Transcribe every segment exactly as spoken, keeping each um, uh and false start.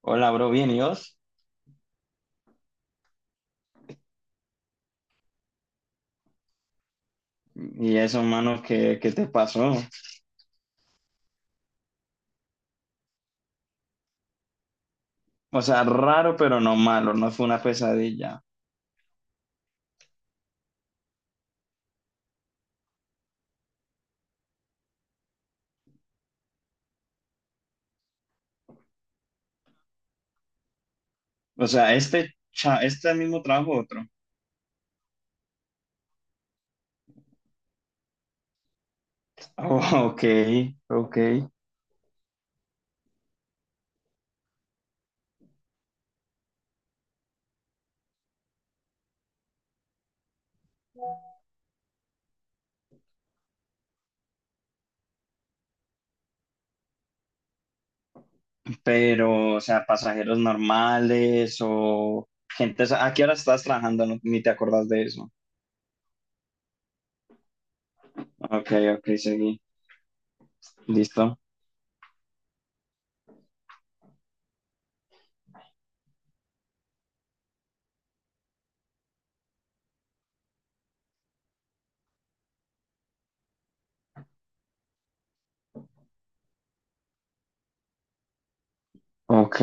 Hola, bro, bien, ¿y vos? ¿Y eso, mano, qué, qué te pasó? O sea, raro, pero no malo, no fue una pesadilla. O sea, este, cha- este mismo trabajo otro. Oh, ok, ok. Pero, o sea, pasajeros normales o gente, o sea, ¿a qué hora estás trabajando? No- ni te acordás de eso. Ok, ok, seguí. Listo. Ok.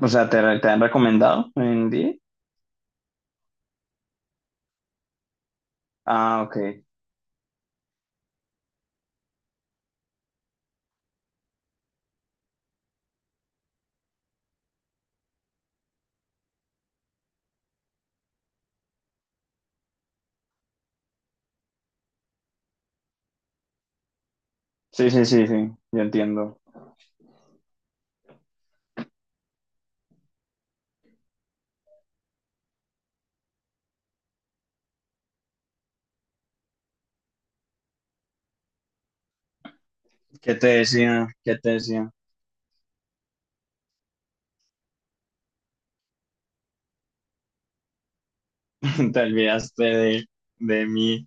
O sea, ¿te, te han recomendado en día? Ah, ok. Sí, sí, sí, sí, yo entiendo. ¿Qué te decía? ¿Qué te decía? Te olvidaste de, de mí.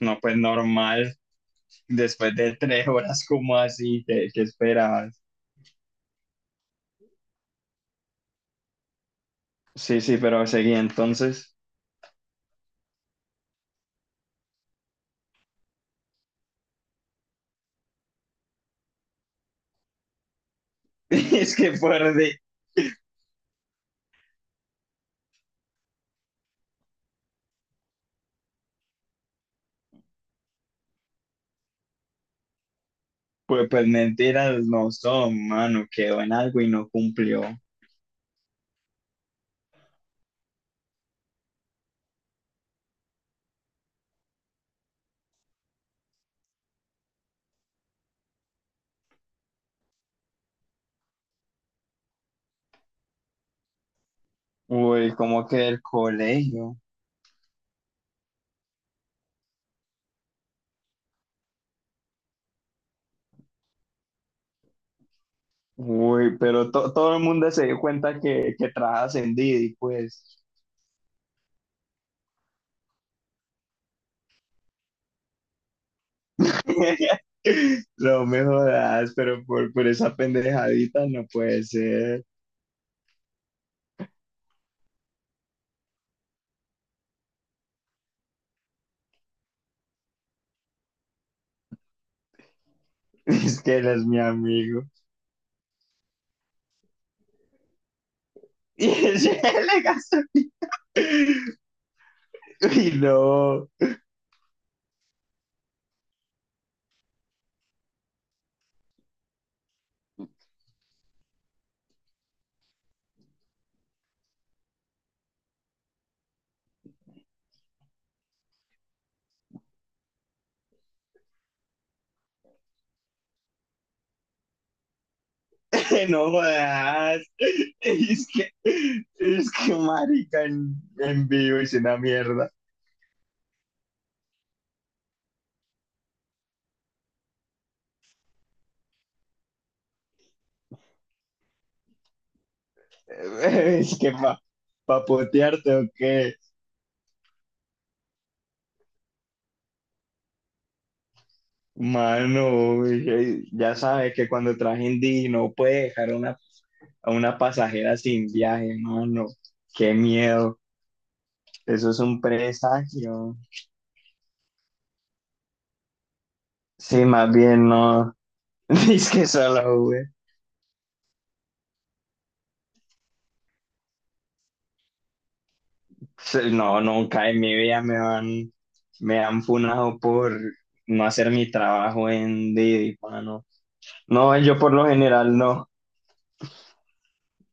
No, pues normal. Después de tres horas, como así? ¿Qué, qué esperabas? Sí, sí, pero seguí entonces. Es que fuerte. Pues, pues mentiras no son, mano. Quedó en algo y no cumplió. Uy, como que el colegio. Uy, pero to- todo el mundo se dio cuenta que, que trabajas en Didi, pues. No me jodas, pero por, por esa pendejadita no puede ser. Es que él es mi amigo. Y ese le gastó. Y no, no jodas. Es que, es que marica en, en vivo es una mierda. Es que pa, Pa potearte o qué. Mano, ya sabes que cuando traje Indy no puede dejar a una, a una pasajera sin viaje, mano. Qué miedo. Eso es un presagio. Sí, más bien no. Es que solo, güey. Sí, no, nunca en mi vida me han, me han funado por no hacer mi trabajo en Didi, mano. No, yo por lo general no.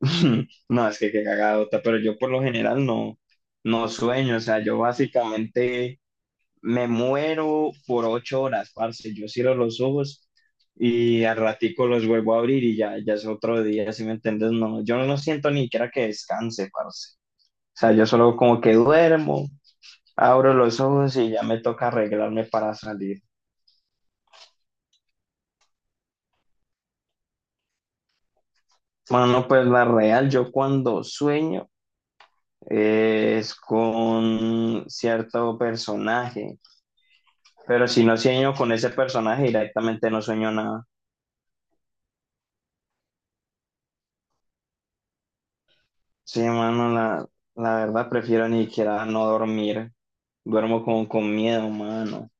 No, es que qué cagadota, pero yo por lo general no, no sueño. O sea, yo básicamente me muero por ocho horas, parce. Yo cierro los ojos y al ratico los vuelvo a abrir y ya, ya es otro día, ¿si me entiendes? No, yo no siento ni siquiera que descanse, parce. O sea, yo solo como que duermo. Abro los ojos y ya me toca arreglarme para salir. Bueno, pues la real, yo cuando sueño eh, es con cierto personaje, pero si no sueño con ese personaje directamente no sueño nada. Sí, mano, la, la verdad prefiero ni siquiera no dormir. Duermo con, con miedo, mano.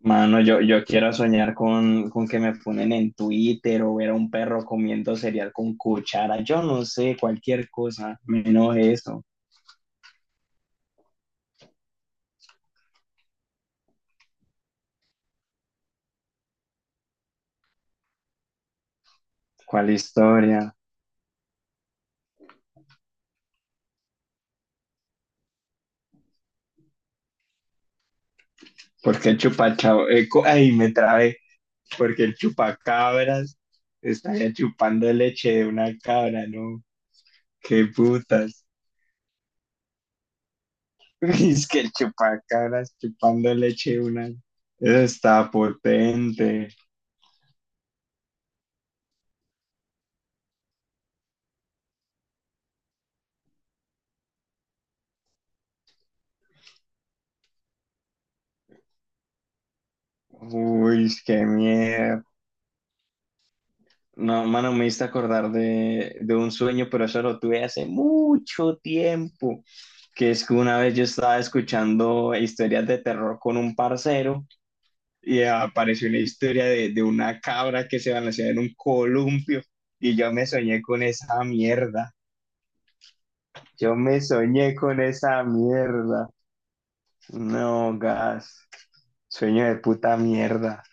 Mano, yo, yo quiero soñar con, con que me ponen en Twitter o ver a un perro comiendo cereal con cuchara. Yo no sé, cualquier cosa, menos eso. ¿Cuál historia? Porque el chupachab- eh, cu- ay, me trabé. Porque el chupacabras estaría chupando leche de una cabra, ¿no? ¡Qué putas! Es que el chupacabras chupando leche de una... Eso está potente. Uy, qué miedo. No, mano, me hice acordar de, de un sueño, pero eso lo tuve hace mucho tiempo. Que es que una vez yo estaba escuchando historias de terror con un parcero y apareció una historia de, de una cabra que se balanceaba en un columpio y yo me soñé con esa mierda. Yo me soñé con esa mierda. No, gas. Sueño de puta mierda.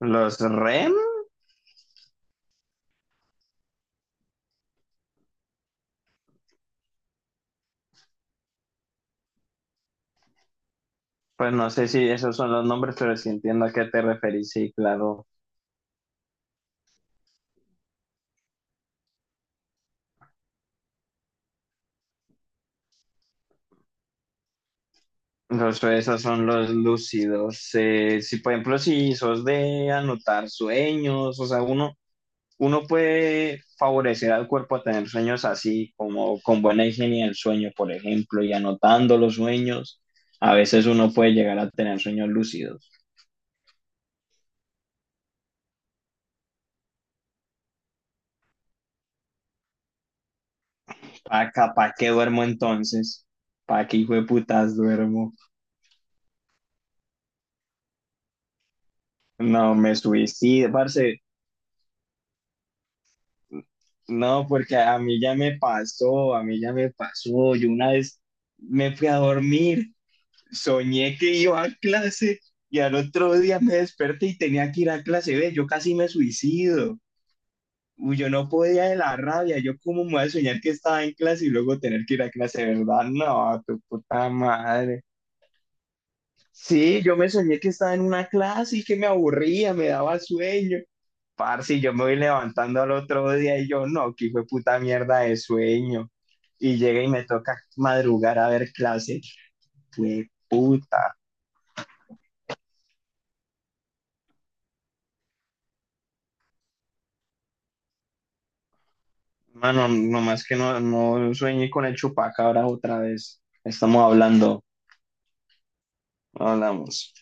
Los R E M, pues no sé si esos son los nombres, pero sí entiendo a qué te referís, sí, claro. Los, esos son los lúcidos. Eh, si, por ejemplo, si sos de anotar sueños, o sea, uno, uno puede favorecer al cuerpo a tener sueños así, como con buena higiene del sueño, por ejemplo, y anotando los sueños. A veces uno puede llegar a tener sueños lúcidos. ¿Para ¿pa qué duermo entonces? ¿Para qué hijo de putas duermo? No, me suicido, parce. No, porque a mí ya me pasó, a mí ya me pasó. Yo una vez me fui a dormir, soñé que iba a clase y al otro día me desperté y tenía que ir a clase B. Yo casi me suicido. Uy, yo no podía de la rabia. Yo cómo me voy a soñar que estaba en clase y luego tener que ir a clase, ¿verdad? No, tu puta madre. Sí, yo me soñé que estaba en una clase y que me aburría, me daba sueño. Parce, y yo me voy levantando al otro día y yo, no, que fue puta mierda de sueño. Y llega y me toca madrugar a ver clase. Fue puta. Mano, nomás que no, no sueñé con el chupacabra otra vez. Estamos hablando, no hablamos.